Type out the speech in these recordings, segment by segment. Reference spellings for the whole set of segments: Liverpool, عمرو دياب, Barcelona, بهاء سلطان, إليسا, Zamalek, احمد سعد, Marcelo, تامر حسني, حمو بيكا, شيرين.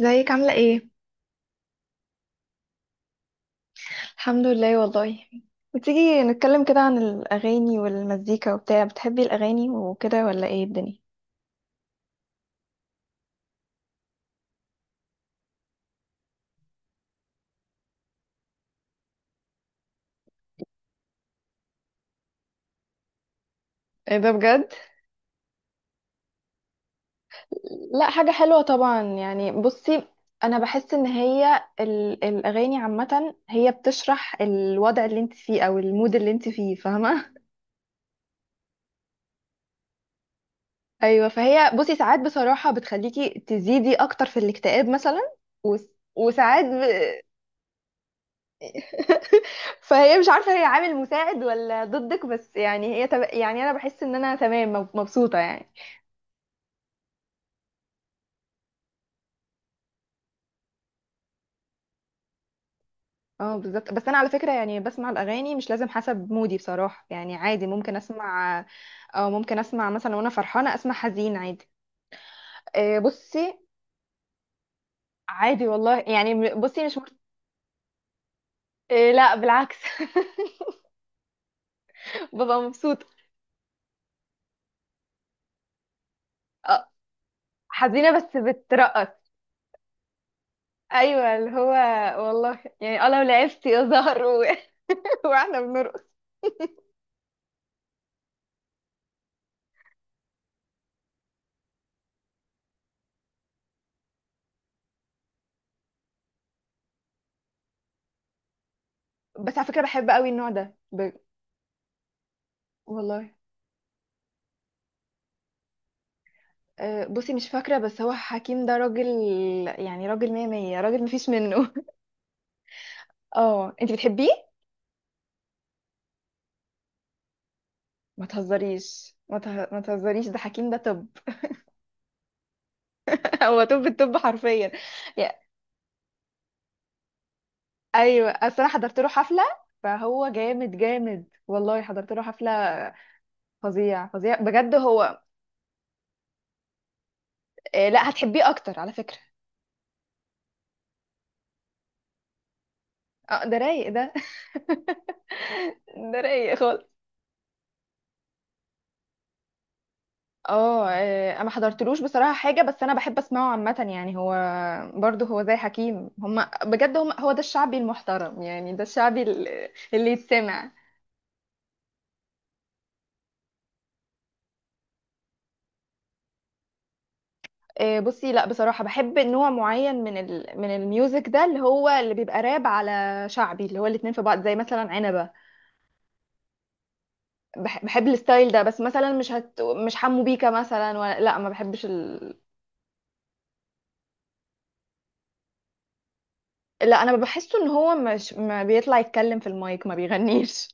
ازيك عاملة ايه؟ الحمد لله والله. وتيجي نتكلم كده عن الأغاني والمزيكا وبتاع بتحبي الأغاني وكده ولا ايه الدنيا؟ ايه ده بجد. لا حاجة حلوة طبعا يعني بصي، أنا بحس إن هي الأغاني عامة هي بتشرح الوضع اللي انت فيه أو المود اللي انت فيه فاهمة؟ أيوة فهي بصي ساعات بصراحة بتخليكي تزيدي أكتر في الاكتئاب مثلا و- وساعات فهي مش عارفة هي عامل مساعد ولا ضدك، بس يعني هي يعني انا بحس ان انا تمام مبسوطة يعني. اه بالظبط، بس انا على فكرة يعني بسمع الاغاني مش لازم حسب مودي بصراحة، يعني عادي ممكن اسمع او ممكن اسمع مثلا وانا فرحانة اسمع حزين عادي. بصي عادي والله يعني بصي مش لا بالعكس ببقى مبسوطة. آه، حزينة بس بترقص. ايوه اللي هو، والله يعني اه لو لعبت يا زهر واحنا بنرقص. بس على فكرة بحب قوي النوع ده والله بصي مش فاكرة، بس هو حكيم ده راجل، يعني راجل مية مية، راجل مفيش منه اه انتي بتحبيه؟ ما تهزريش، ما تهزريش، ده حكيم ده طب. هو طب الطب حرفيا. يا... ايوه اصل انا حضرت له حفلة فهو جامد جامد والله، حضرت له حفلة فظيع فظيع بجد هو. لا هتحبيه اكتر على فكرة. اه ده رايق ده. ده رايق خالص. اه، انا ما حضرتلوش بصراحه حاجه، بس انا بحب اسمعه عامه، يعني هو برضه هو زي حكيم، هم بجد هم هو ده الشعبي المحترم، يعني ده الشعبي اللي يتسمع. بصي لا بصراحه بحب نوع معين من من الميوزك ده اللي هو اللي بيبقى راب على شعبي، اللي هو الاتنين في بعض زي مثلا عنبه. بحب الستايل ده، بس مثلا مش حمو بيكا مثلا، ولا لا ما بحبش لا انا بحسه ان هو مش ما بيطلع يتكلم في المايك ما بيغنيش.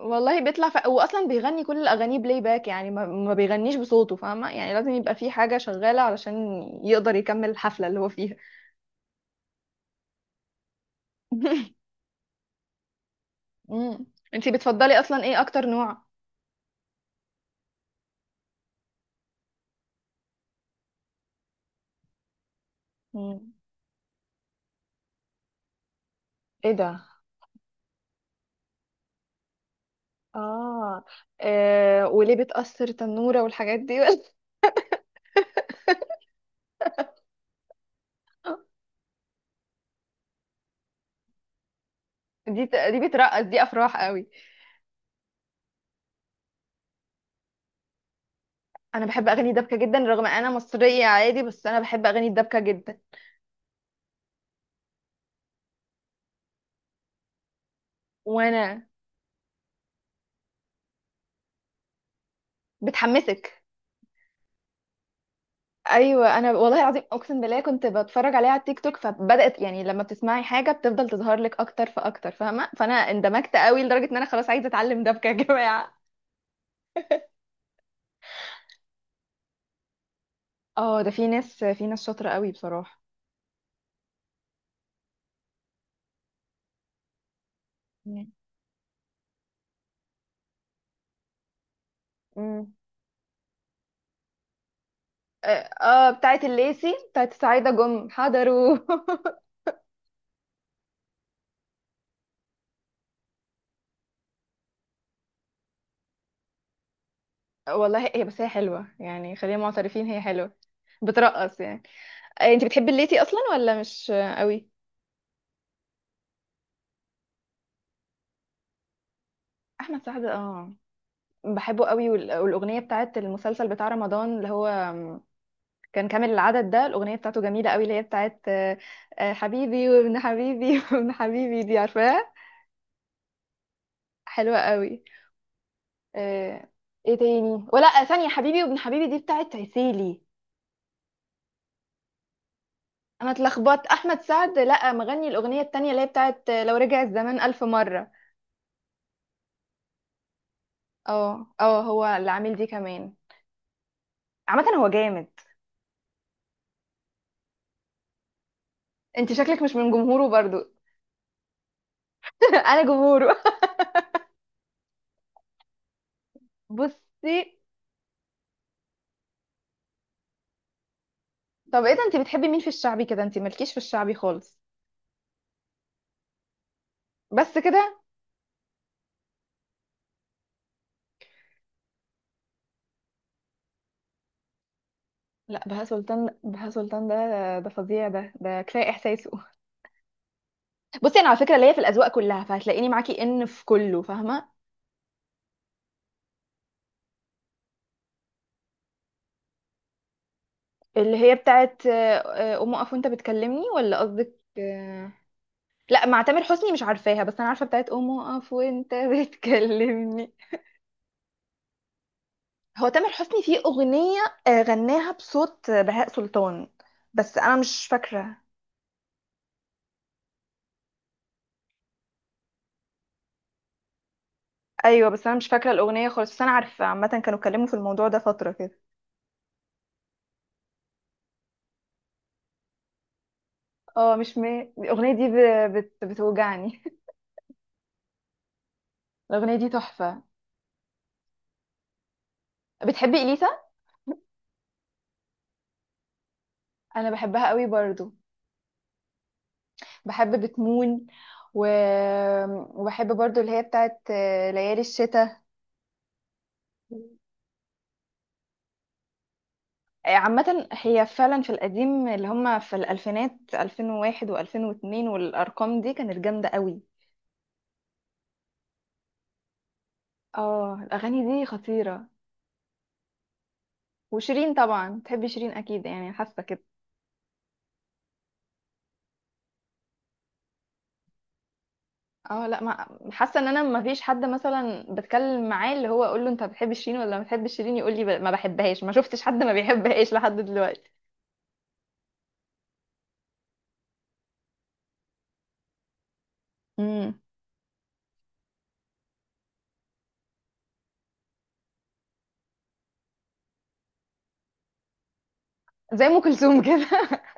والله بيطلع هو اصلا بيغني كل الاغاني بلاي باك، يعني ما بيغنيش بصوته فاهمه، يعني لازم يبقى في حاجه شغاله علشان يقدر يكمل الحفله اللي هو فيها. مم. انتي بتفضلي اصلا ايه اكتر نوع؟ مم. ايه ده؟ آه. اه وليه بتأثر تنورة والحاجات دي دي بترقص، دي افراح قوي. انا بحب اغاني دبكة جدا رغم انا مصرية عادي، بس انا بحب اغاني الدبكة جدا. وانا بتحمسك. ايوه انا والله العظيم اقسم بالله كنت بتفرج عليها على التيك توك فبدات، يعني لما بتسمعي حاجه بتفضل تظهر لك اكتر فاكتر فاهمه، فانا اندمجت قوي لدرجه ان انا خلاص عايزه اتعلم دبكه يا جماعه. اه ده في ناس شاطره قوي بصراحه. مم. مم. اه، بتاعت الليسي، بتاعت سعيده جم حضروا. والله هي، بس هي حلوه يعني، خلينا معترفين هي حلوه. بترقص يعني. انت بتحبي الليسي اصلا ولا مش قوي؟ احمد سعد، اه بحبه قوي، والاغنيه بتاعت المسلسل بتاع رمضان اللي هو كان كامل العدد ده، الأغنية بتاعته جميلة قوي اللي هي بتاعت حبيبي وابن حبيبي وابن حبيبي دي عارفاها. حلوة قوي. آه، ايه تاني؟ ولا ثانية حبيبي وابن حبيبي دي بتاعت عسيلي. انا اتلخبطت، احمد سعد لا مغني الأغنية التانية اللي هي بتاعت لو رجع الزمان ألف مرة. اه اه هو اللي عامل دي كمان، عامة هو جامد. انت شكلك مش من جمهوره برضو. انا جمهوره. بصي، طب ايه ده، انت بتحبي مين في الشعبي كده؟ انت مالكيش في الشعبي خالص. بس كده. لا بهاء سلطان، بهاء سلطان ده ده فظيع، ده كفايه احساسه. بصي انا على فكره ليا في الاذواق كلها، فهتلاقيني معاكي ان في كله فاهمه. اللي هي بتاعت قوم اقف وانت بتكلمني، ولا قصدك لا مع تامر حسني مش عارفاها، بس انا عارفه بتاعت قوم اقف وانت بتكلمني. هو تامر حسني فيه اغنيه غناها بصوت بهاء سلطان، بس انا مش فاكره. ايوه بس انا مش فاكره الاغنيه خالص، بس انا عارفه عامه كانوا اتكلموا في الموضوع ده فتره كده. اه مش الاغنيه دي بتوجعني. الأغنية دي تحفة. بتحبي إليسا؟ أنا بحبها قوي برضو. بحب بتمون و... وبحب برضو اللي هي بتاعت ليالي الشتاء. عامة هي فعلا في القديم اللي هم في الألفينات، 2001 و2002 والأرقام دي كانت جامدة قوي. اه الأغاني دي خطيرة. وشيرين طبعا، تحبي شيرين أكيد يعني، حاسة كده؟ اه لا ما حاسة ان انا ما فيش حد مثلا بتكلم معاه اللي هو اقول له انت بتحب شيرين ولا ما بتحبش شيرين يقول لي ما بحبهاش، ما شفتش حد ما بيحبهاش لحد دلوقتي. امم. زي ام كلثوم كده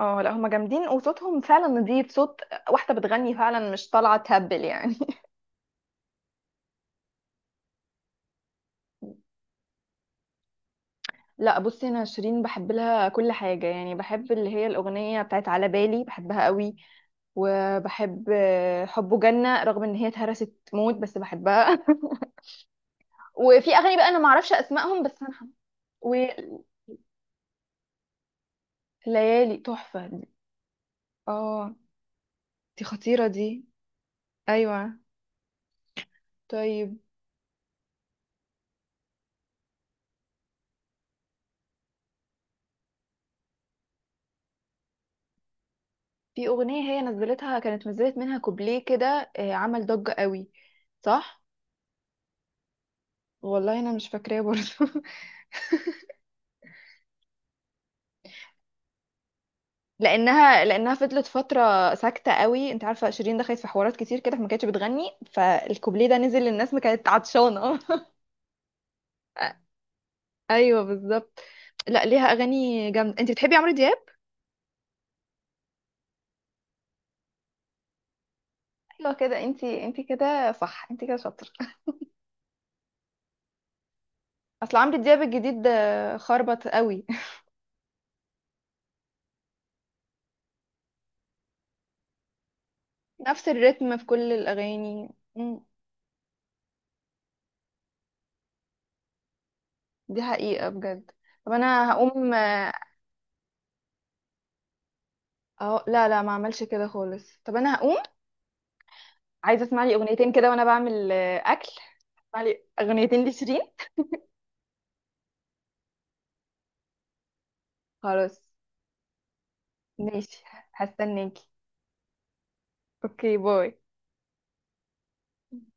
اه لا هما جامدين وصوتهم فعلا نضيف، صوت واحده بتغني فعلا مش طالعه تهبل يعني. لا بصي انا شيرين بحب لها كل حاجه، يعني بحب اللي هي الاغنيه بتاعت على بالي بحبها قوي. وبحب حبه جنه رغم ان هي اتهرست موت بس بحبها وفي اغاني بقى انا معرفش اسمائهم بس انا وليالي تحفه. اه دي خطيره دي. ايوه. طيب. في أغنية هي نزلتها، كانت نزلت منها كوبليه كده عمل ضجة قوي، صح؟ والله أنا مش فاكراه برضه. لأنها فضلت فترة ساكتة قوي، أنت عارفة شيرين دخلت في حوارات كتير كده فما كانتش بتغني، فالكوبليه ده نزل للناس ما كانت عطشانة. أيوه بالظبط. لا ليها أغاني جامدة. أنت بتحبي عمرو دياب؟ أيوه كده، أنت كده صح، أنت كده شاطرة. أصل عمرو دياب الجديد خربط قوي. نفس الريتم في كل الأغاني. دي حقيقة بجد. طب انا هقوم اهو لا لا ما اعملش كده خالص، طب انا هقوم عايزة اسمع لي اغنيتين كده وانا بعمل اكل. اسمع لي اغنيتين لشيرين. خلاص. ماشي. هستناكي. اوكي باي.